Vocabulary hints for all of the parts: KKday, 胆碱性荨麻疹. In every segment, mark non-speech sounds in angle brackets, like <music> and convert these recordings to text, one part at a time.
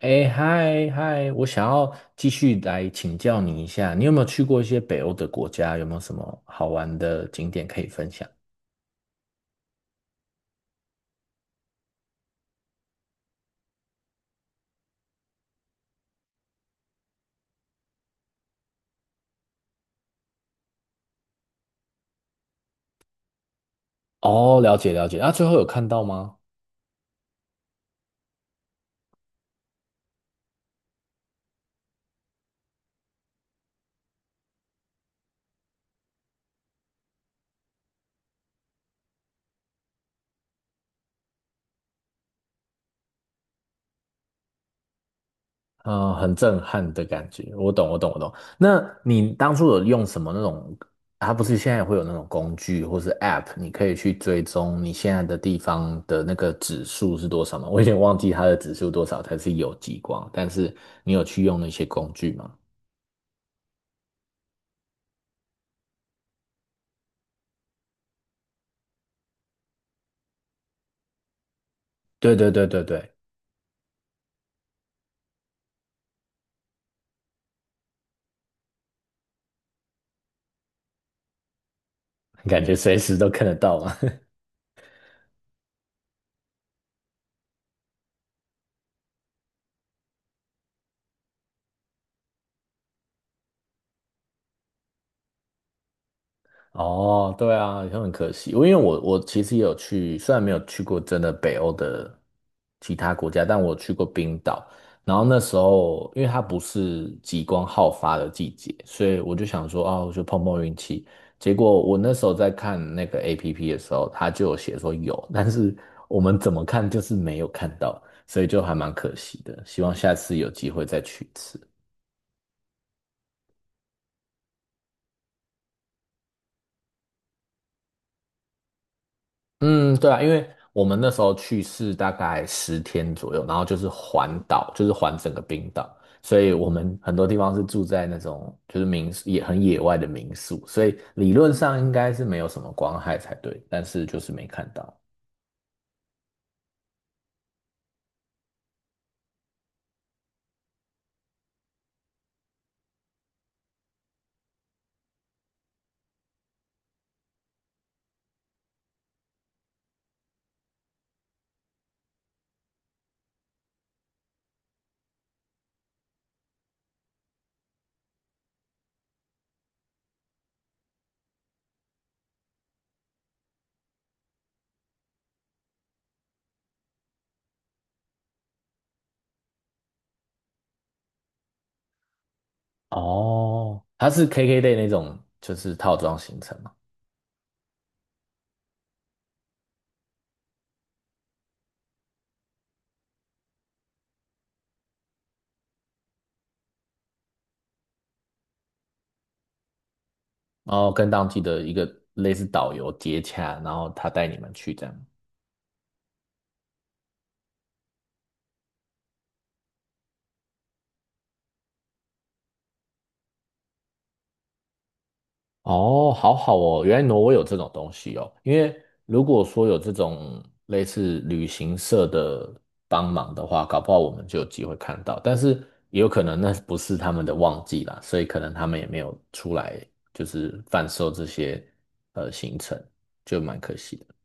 哎，嗨嗨，我想要继续来请教你一下，你有没有去过一些北欧的国家？有没有什么好玩的景点可以分享？哦，了解了解，那最后有看到吗？嗯，很震撼的感觉，我懂我懂我懂。那你当初有用什么那种？它不是现在也会有那种工具或是 App，你可以去追踪你现在的地方的那个指数是多少吗？<laughs> 我有点忘记它的指数多少才是有极光，但是你有去用那些工具吗？对对对对对。感觉随时都看得到嘛。<laughs> 哦，对啊，也很可惜。我因为我其实也有去，虽然没有去过真的北欧的其他国家，但我去过冰岛。然后那时候，因为它不是极光好发的季节，所以我就想说，哦，我就碰碰运气。结果我那时候在看那个 APP 的时候，它就有写说有，但是我们怎么看就是没有看到，所以就还蛮可惜的。希望下次有机会再去一次。嗯，对啊，因为我们那时候去是大概10天左右，然后就是环岛，就是环整个冰岛，所以我们很多地方是住在那种就是民宿，也很野外的民宿，所以理论上应该是没有什么光害才对，但是就是没看到。哦，它是 KKday 那种就是套装行程嘛，然后跟当地的一个类似导游接洽，然后他带你们去这样。哦，好好哦，原来挪威有这种东西哦。因为如果说有这种类似旅行社的帮忙的话，搞不好我们就有机会看到。但是也有可能那不是他们的旺季啦，所以可能他们也没有出来就是贩售这些行程，就蛮可惜的。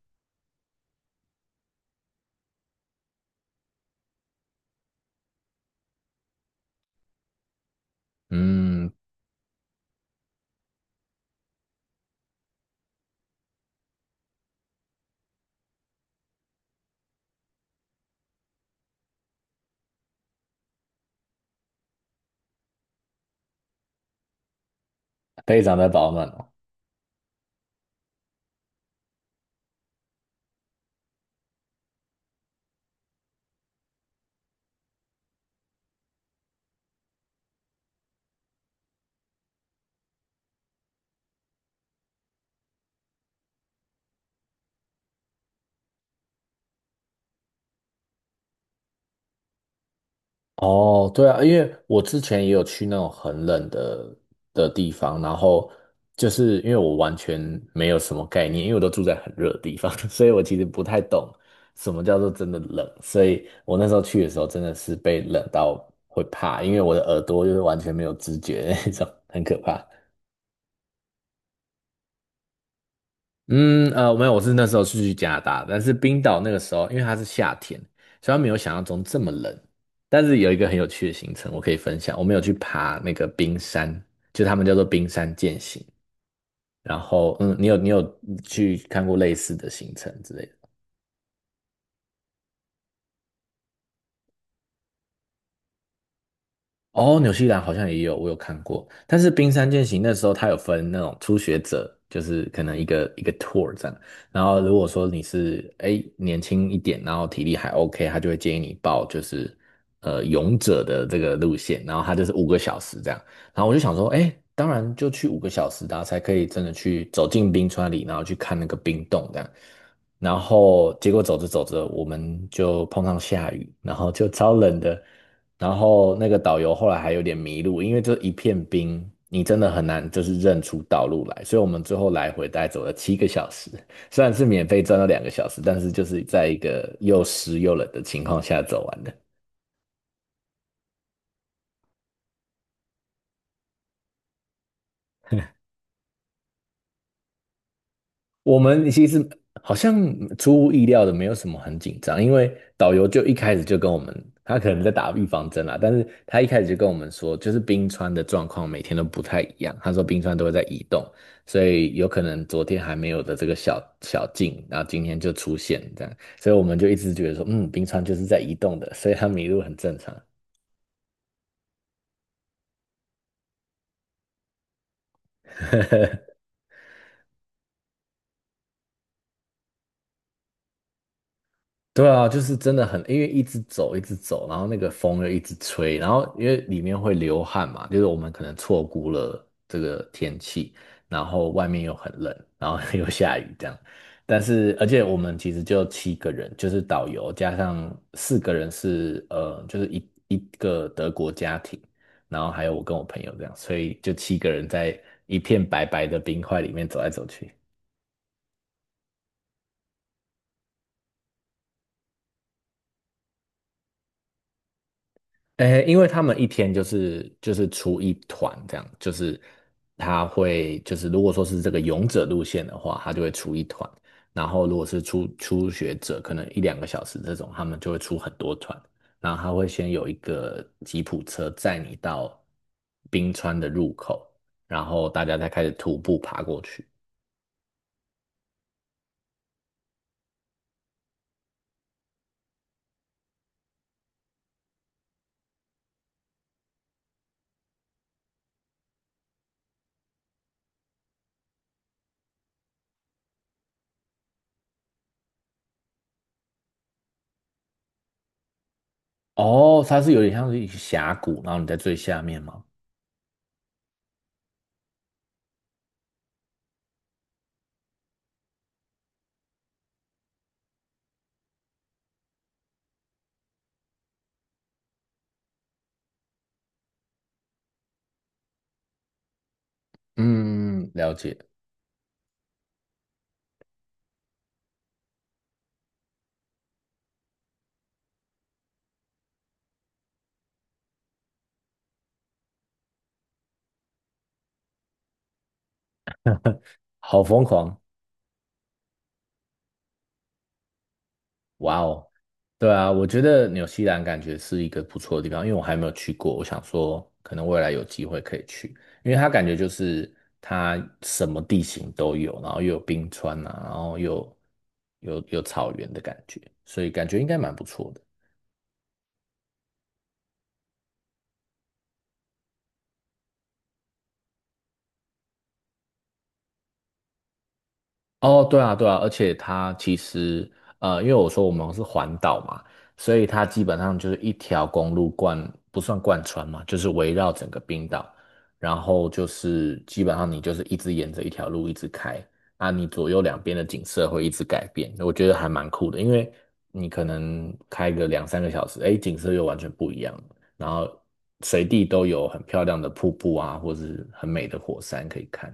嗯，非常的保暖哦。哦，对啊，因为我之前也有去那种很冷的地方，然后就是因为我完全没有什么概念，因为我都住在很热的地方，<laughs> 所以我其实不太懂什么叫做真的冷，所以我那时候去的时候真的是被冷到会怕，因为我的耳朵就是完全没有知觉的那种，很可怕。嗯，没有，我是那时候是去加拿大，但是冰岛那个时候，因为它是夏天，虽然没有想象中这么冷。但是有一个很有趣的行程，我可以分享。我们有去爬那个冰山，就他们叫做冰山践行。然后，嗯，你有去看过类似的行程之类的？哦，纽西兰好像也有，我有看过。但是冰山健行那时候它有分那种初学者，就是可能一个一个 tour 这样。然后如果说你是哎年轻一点，然后体力还 OK，他就会建议你报就是勇者的这个路线，然后他就是五个小时这样。然后我就想说，哎，当然就去五个小时的啊才可以真的去走进冰川里，然后去看那个冰洞这样。然后结果走着走着，我们就碰上下雨，然后就超冷的。然后那个导游后来还有点迷路，因为这一片冰，你真的很难就是认出道路来，所以我们最后来回大概走了7个小时，虽然是免费转了两个小时，但是就是在一个又湿又冷的情况下走完的。我们其实好像出乎意料的没有什么很紧张，因为导游就一开始就跟我们，他可能在打预防针啦，但是他一开始就跟我们说，就是冰川的状况每天都不太一样，他说冰川都会在移动，所以有可能昨天还没有的这个小小径，然后今天就出现这样，所以我们就一直觉得说，嗯，冰川就是在移动的，所以他迷路很正常。<laughs> 对啊，就是真的很，因为一直走，一直走，然后那个风又一直吹，然后因为里面会流汗嘛，就是我们可能错估了这个天气，然后外面又很冷，然后 <laughs> 又下雨这样。但是，而且我们其实就七个人，就是导游加上4个人是，就是一个德国家庭，然后还有我跟我朋友这样，所以就七个人在一片白白的冰块里面走来走去。诶，因为他们一天就是出一团这样，就是他会就是如果说是这个勇者路线的话，他就会出一团，然后如果是初学者，可能一两个小时这种，他们就会出很多团，然后他会先有一个吉普车载你到冰川的入口，然后大家再开始徒步爬过去。哦，它是有点像是一个峡谷，然后你在最下面吗？嗯，了解，好疯狂。哇哦，对啊，我觉得纽西兰感觉是一个不错的地方，因为我还没有去过，我想说可能未来有机会可以去，因为它感觉就是它什么地形都有，然后又有冰川啊，然后又有草原的感觉，所以感觉应该蛮不错的。哦，对啊，对啊，而且它其实，因为我说我们是环岛嘛，所以它基本上就是一条公路贯，不算贯穿嘛，就是围绕整个冰岛，然后就是基本上你就是一直沿着一条路一直开，啊，你左右两边的景色会一直改变，我觉得还蛮酷的，因为你可能开个两三个小时，哎，景色又完全不一样了。然后随地都有很漂亮的瀑布啊，或是很美的火山可以看。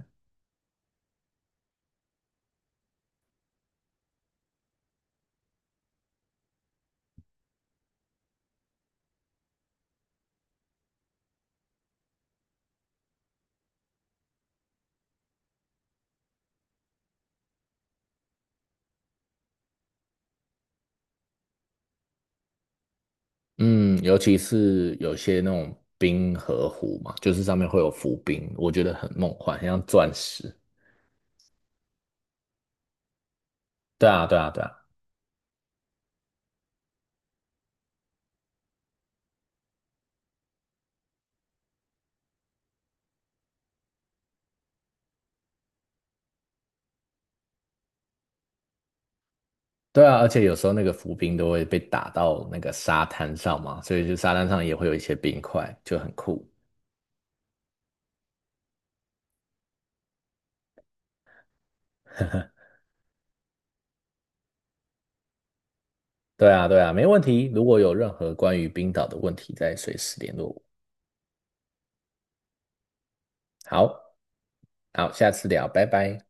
嗯，尤其是有些那种冰河湖嘛，就是上面会有浮冰，我觉得很梦幻，很像钻石。对啊，对啊，对啊，对啊，而且有时候那个浮冰都会被打到那个沙滩上嘛，所以就沙滩上也会有一些冰块，就很酷。对啊，对啊，没问题。如果有任何关于冰岛的问题，再随时联络我。好，好，下次聊，拜拜。